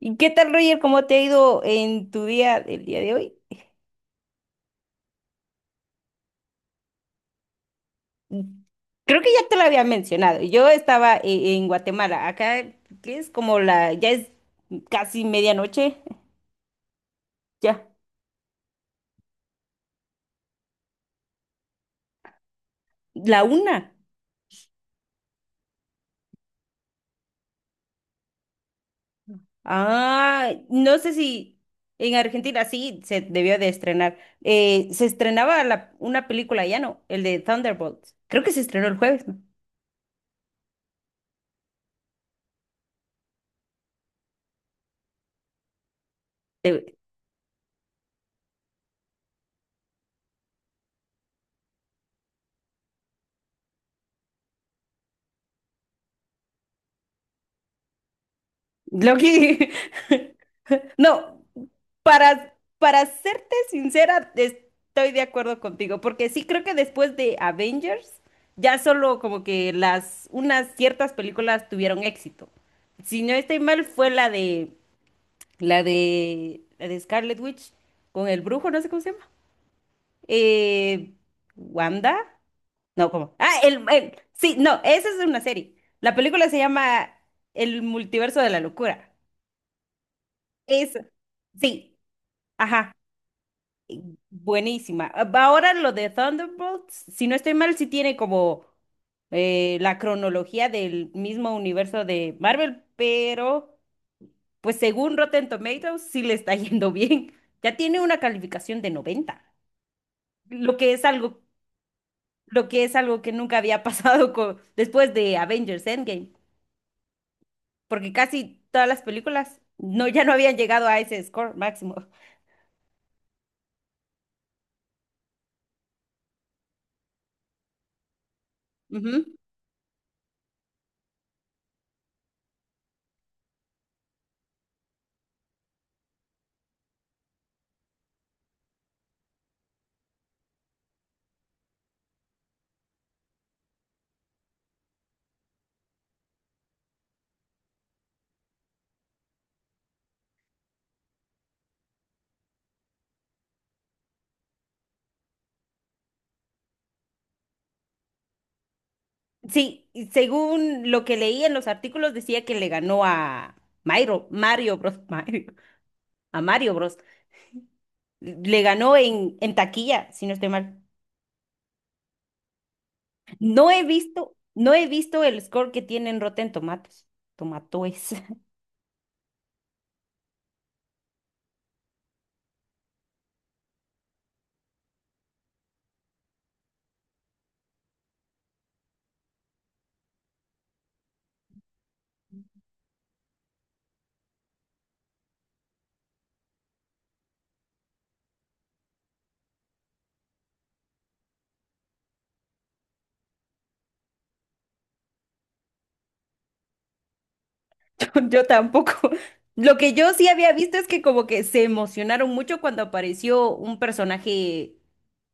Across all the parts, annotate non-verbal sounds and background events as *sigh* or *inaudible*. ¿Y qué tal, Roger? ¿Cómo te ha ido en tu día, el día de hoy? Creo que ya te lo había mencionado. Yo estaba en Guatemala. Acá, ¿qué es? Ya es casi medianoche. Ya, la una. Ah, no sé si en Argentina sí se debió de estrenar. Se estrenaba una película, ya no, el de Thunderbolts. Creo que se estrenó el jueves, ¿no? Te- Lo que *laughs* No, para serte sincera, estoy de acuerdo contigo, porque sí creo que después de Avengers, ya solo como que las, unas ciertas películas tuvieron éxito. Si no estoy mal, fue la de Scarlet Witch con el brujo, no sé cómo se llama. Eh, Wanda, no, ¿cómo? Ah, sí, no, esa es una serie. La película se llama El multiverso de la locura. Eso, sí. Ajá. Buenísima. Ah, ahora lo de Thunderbolts, si no estoy mal, sí tiene como la cronología del mismo universo de Marvel, pero pues según Rotten Tomatoes sí le está *laughs* yendo bien. Ya tiene una calificación de 90, lo que es algo, lo que es algo que nunca había *laughs* pasado con, después de Avengers Endgame, porque casi todas las películas no, ya no habían llegado a ese score máximo. Sí, y según lo que leí en los artículos decía que le ganó a Mario, Mario Bros, *laughs* Mario, a Mario Bros. Le ganó en taquilla, si no estoy mal. No he visto el score que tiene en Rotten Tomatoes. Tomatoes. *laughs* Yo tampoco. Lo que yo sí había visto es que como que se emocionaron mucho cuando apareció un personaje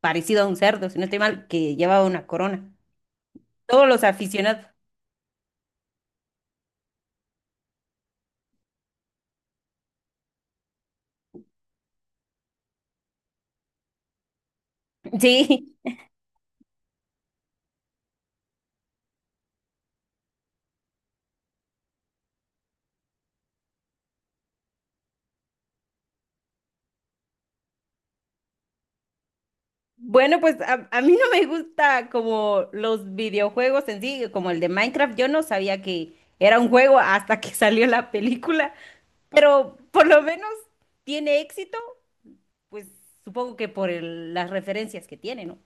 parecido a un cerdo, si no estoy mal, que llevaba una corona. Todos los aficionados. *laughs* Sí, bueno, pues a mí no me gusta como los videojuegos en sí, como el de Minecraft. Yo no sabía que era un juego hasta que *laughs* salió la película, pero por lo menos tiene éxito, pues supongo que por las referencias que tiene, ¿no?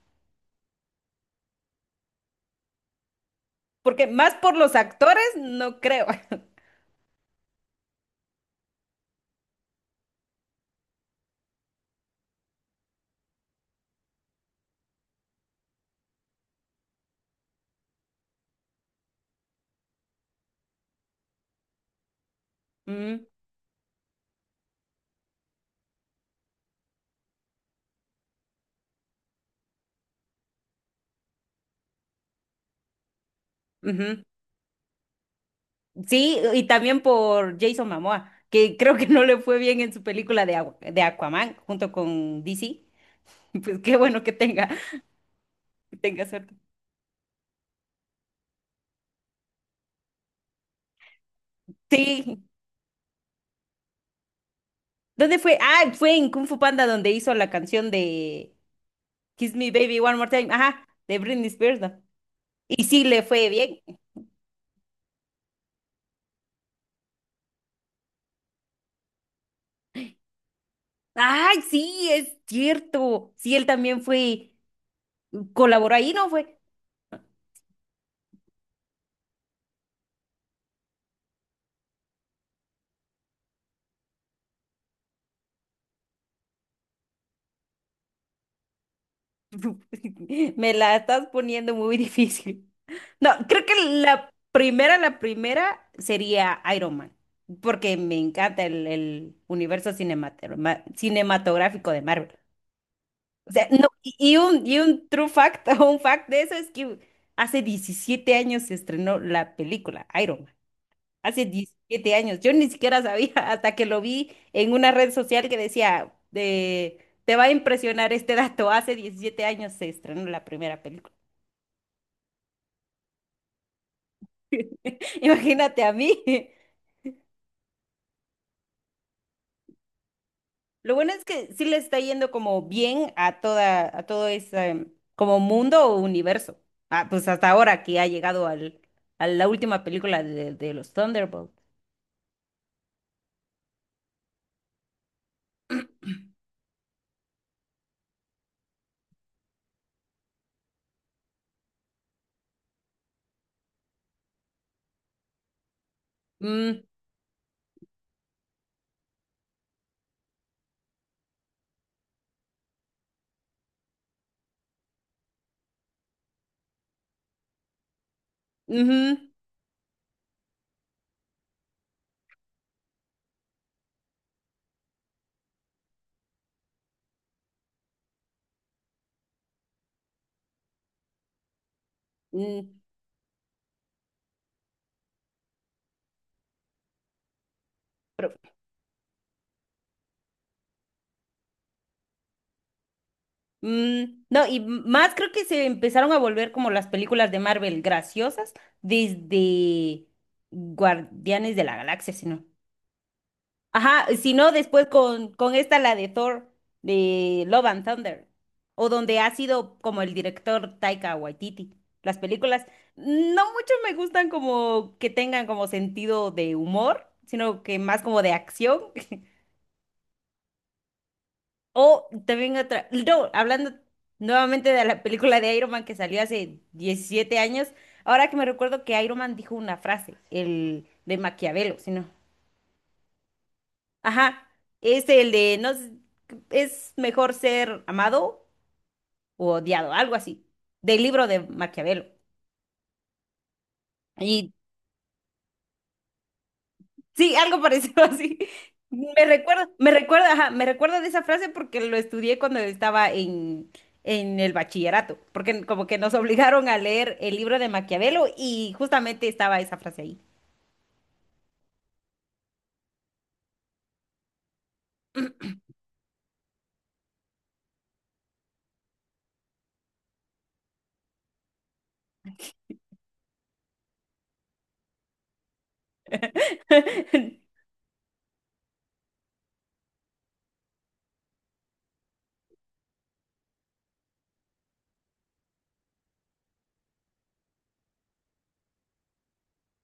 Porque más por los actores, no creo. *laughs* Mm, ujú. Sí, y también por Jason Momoa, que creo que no le fue bien en su película de Aquaman junto con DC. *laughs* Pues qué bueno que tenga suerte. Sí. ¿Dónde fue? Ah, fue en Kung Fu Panda donde hizo la canción de Kiss Me Baby One More Time. Ajá, de Britney Spears, ¿no? Y sí le fue bien. Ay, sí, es cierto. Sí, colaboró ahí, ¿no fue? *laughs* Me la estás poniendo muy *laughs* difícil. No, creo que la primera sería Iron Man, porque me encanta el universo cinematográfico de Marvel. O sea, no, y un true fact *laughs* o un fact de eso es que hace 17 años se estrenó la película Iron Man. Hace 17 años. Yo ni siquiera sabía *laughs* hasta que lo vi en una red social que decía, de, te va a impresionar este dato. Hace 17 años se estrenó la primera película. *laughs* Imagínate a mí. *laughs* Lo bueno es que sí le está yendo como bien a toda, a todo ese como mundo o universo. Ah, pues hasta ahora que ha llegado a la última película de los Thunderbolts. Mm, ujú, mm, pero, mm, no, y más creo que se empezaron a volver como las películas de Marvel graciosas desde Guardianes de la Galaxia, si no. Ajá, si no, después con esta, la de Thor, de Love and Thunder, o donde ha sido como el director Taika Waititi. Las películas no mucho me gustan como que tengan como sentido de humor, sino que más como de acción. O también otra, no, hablando nuevamente de la película de Iron Man que salió hace 17 años, ahora que me recuerdo que Iron Man dijo una frase, el de Maquiavelo, si no. Ajá, es el de, no, es mejor ser amado o odiado, algo así, del libro de Maquiavelo. Y sí, algo parecido *laughs* así. Ajá, me recuerda de esa frase porque lo estudié cuando estaba en el bachillerato, porque como que nos obligaron a leer el libro de Maquiavelo y justamente estaba esa frase ahí. *laughs*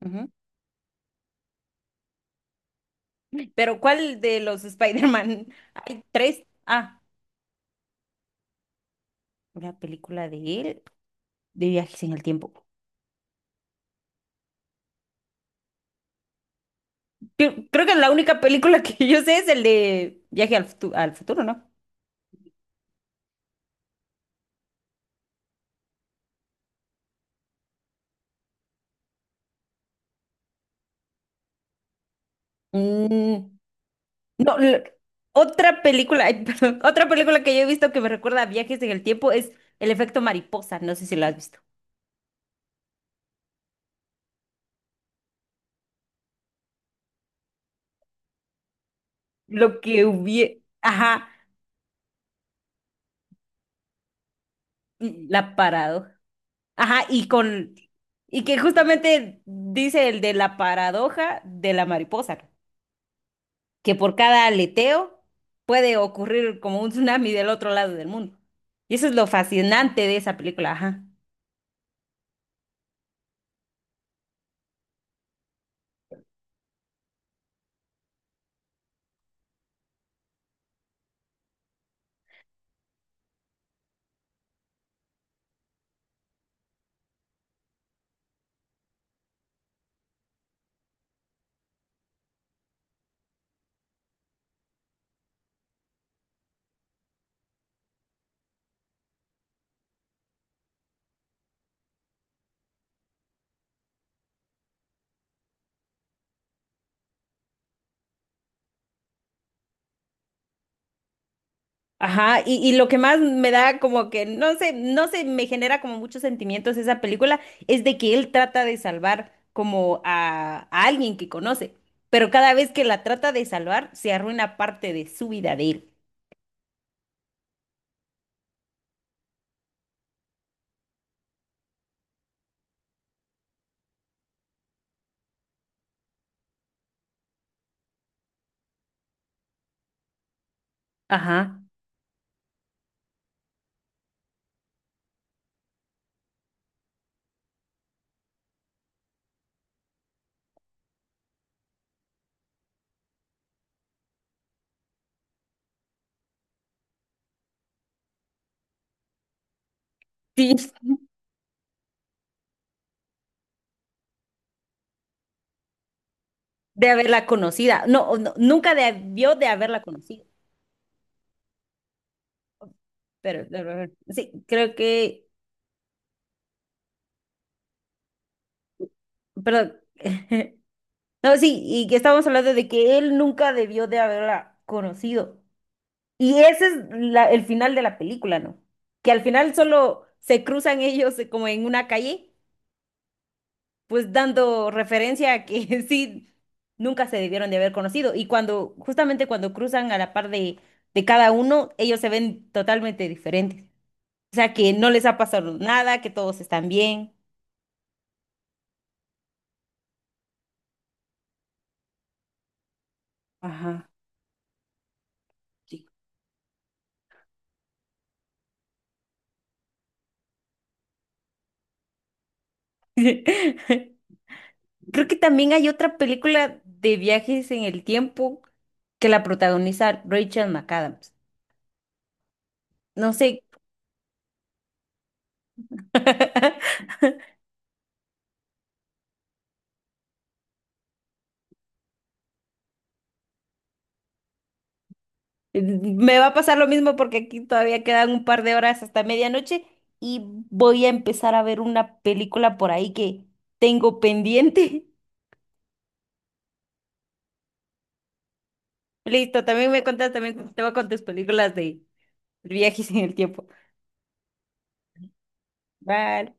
Ujú. Pero ¿cuál de los Spider-Man? Hay tres. Ah, una película de él, de viajes en el tiempo. Creo que la única película que yo sé es el de al futuro, ¿no? Mm, no, otra película, ay, *laughs* perdón, otra película que yo he visto que me recuerda a viajes en el tiempo es El efecto mariposa, no sé si lo has visto. Lo que hubiera, ajá, la parado. Ajá, y que justamente dice el de la paradoja de la mariposa, que por cada aleteo puede ocurrir como un tsunami del otro lado del mundo. Y eso es lo fascinante de esa película, ajá. Ajá, y lo que más me da como que, no sé, me genera como muchos sentimientos esa película, es de que él trata de salvar como a alguien que conoce, pero cada vez que la trata de salvar, se arruina parte de su vida de él. Ajá, sí, *laughs* de haberla conocida. No, o no, nunca debió de haberla conocido, pero de haber- sí, creo que, perdón. *laughs* No, sí, y que estábamos hablando de que él nunca debió de haberla conocido. Y ese es el final de la película, ¿no? Que al final solo se cruzan ellos como en una calle, pues dando referencia a que *laughs* sí, nunca se debieron de haber conocido. Y cuando, justamente cuando cruzan a la par de cada uno, ellos se ven totalmente diferentes. O sea, que no les ha pasado nada, que todos están bien. Ajá, sí. *laughs* Creo que también hay otra película de viajes en el tiempo que la protagoniza Rachel McAdams. No sé. *laughs* Me va a pasar lo mismo porque aquí todavía quedan un par de horas hasta medianoche y voy a empezar a ver una película por ahí que tengo pendiente. *laughs* Listo, también me contas, también te voy con tus películas de viajes en el tiempo. Bye.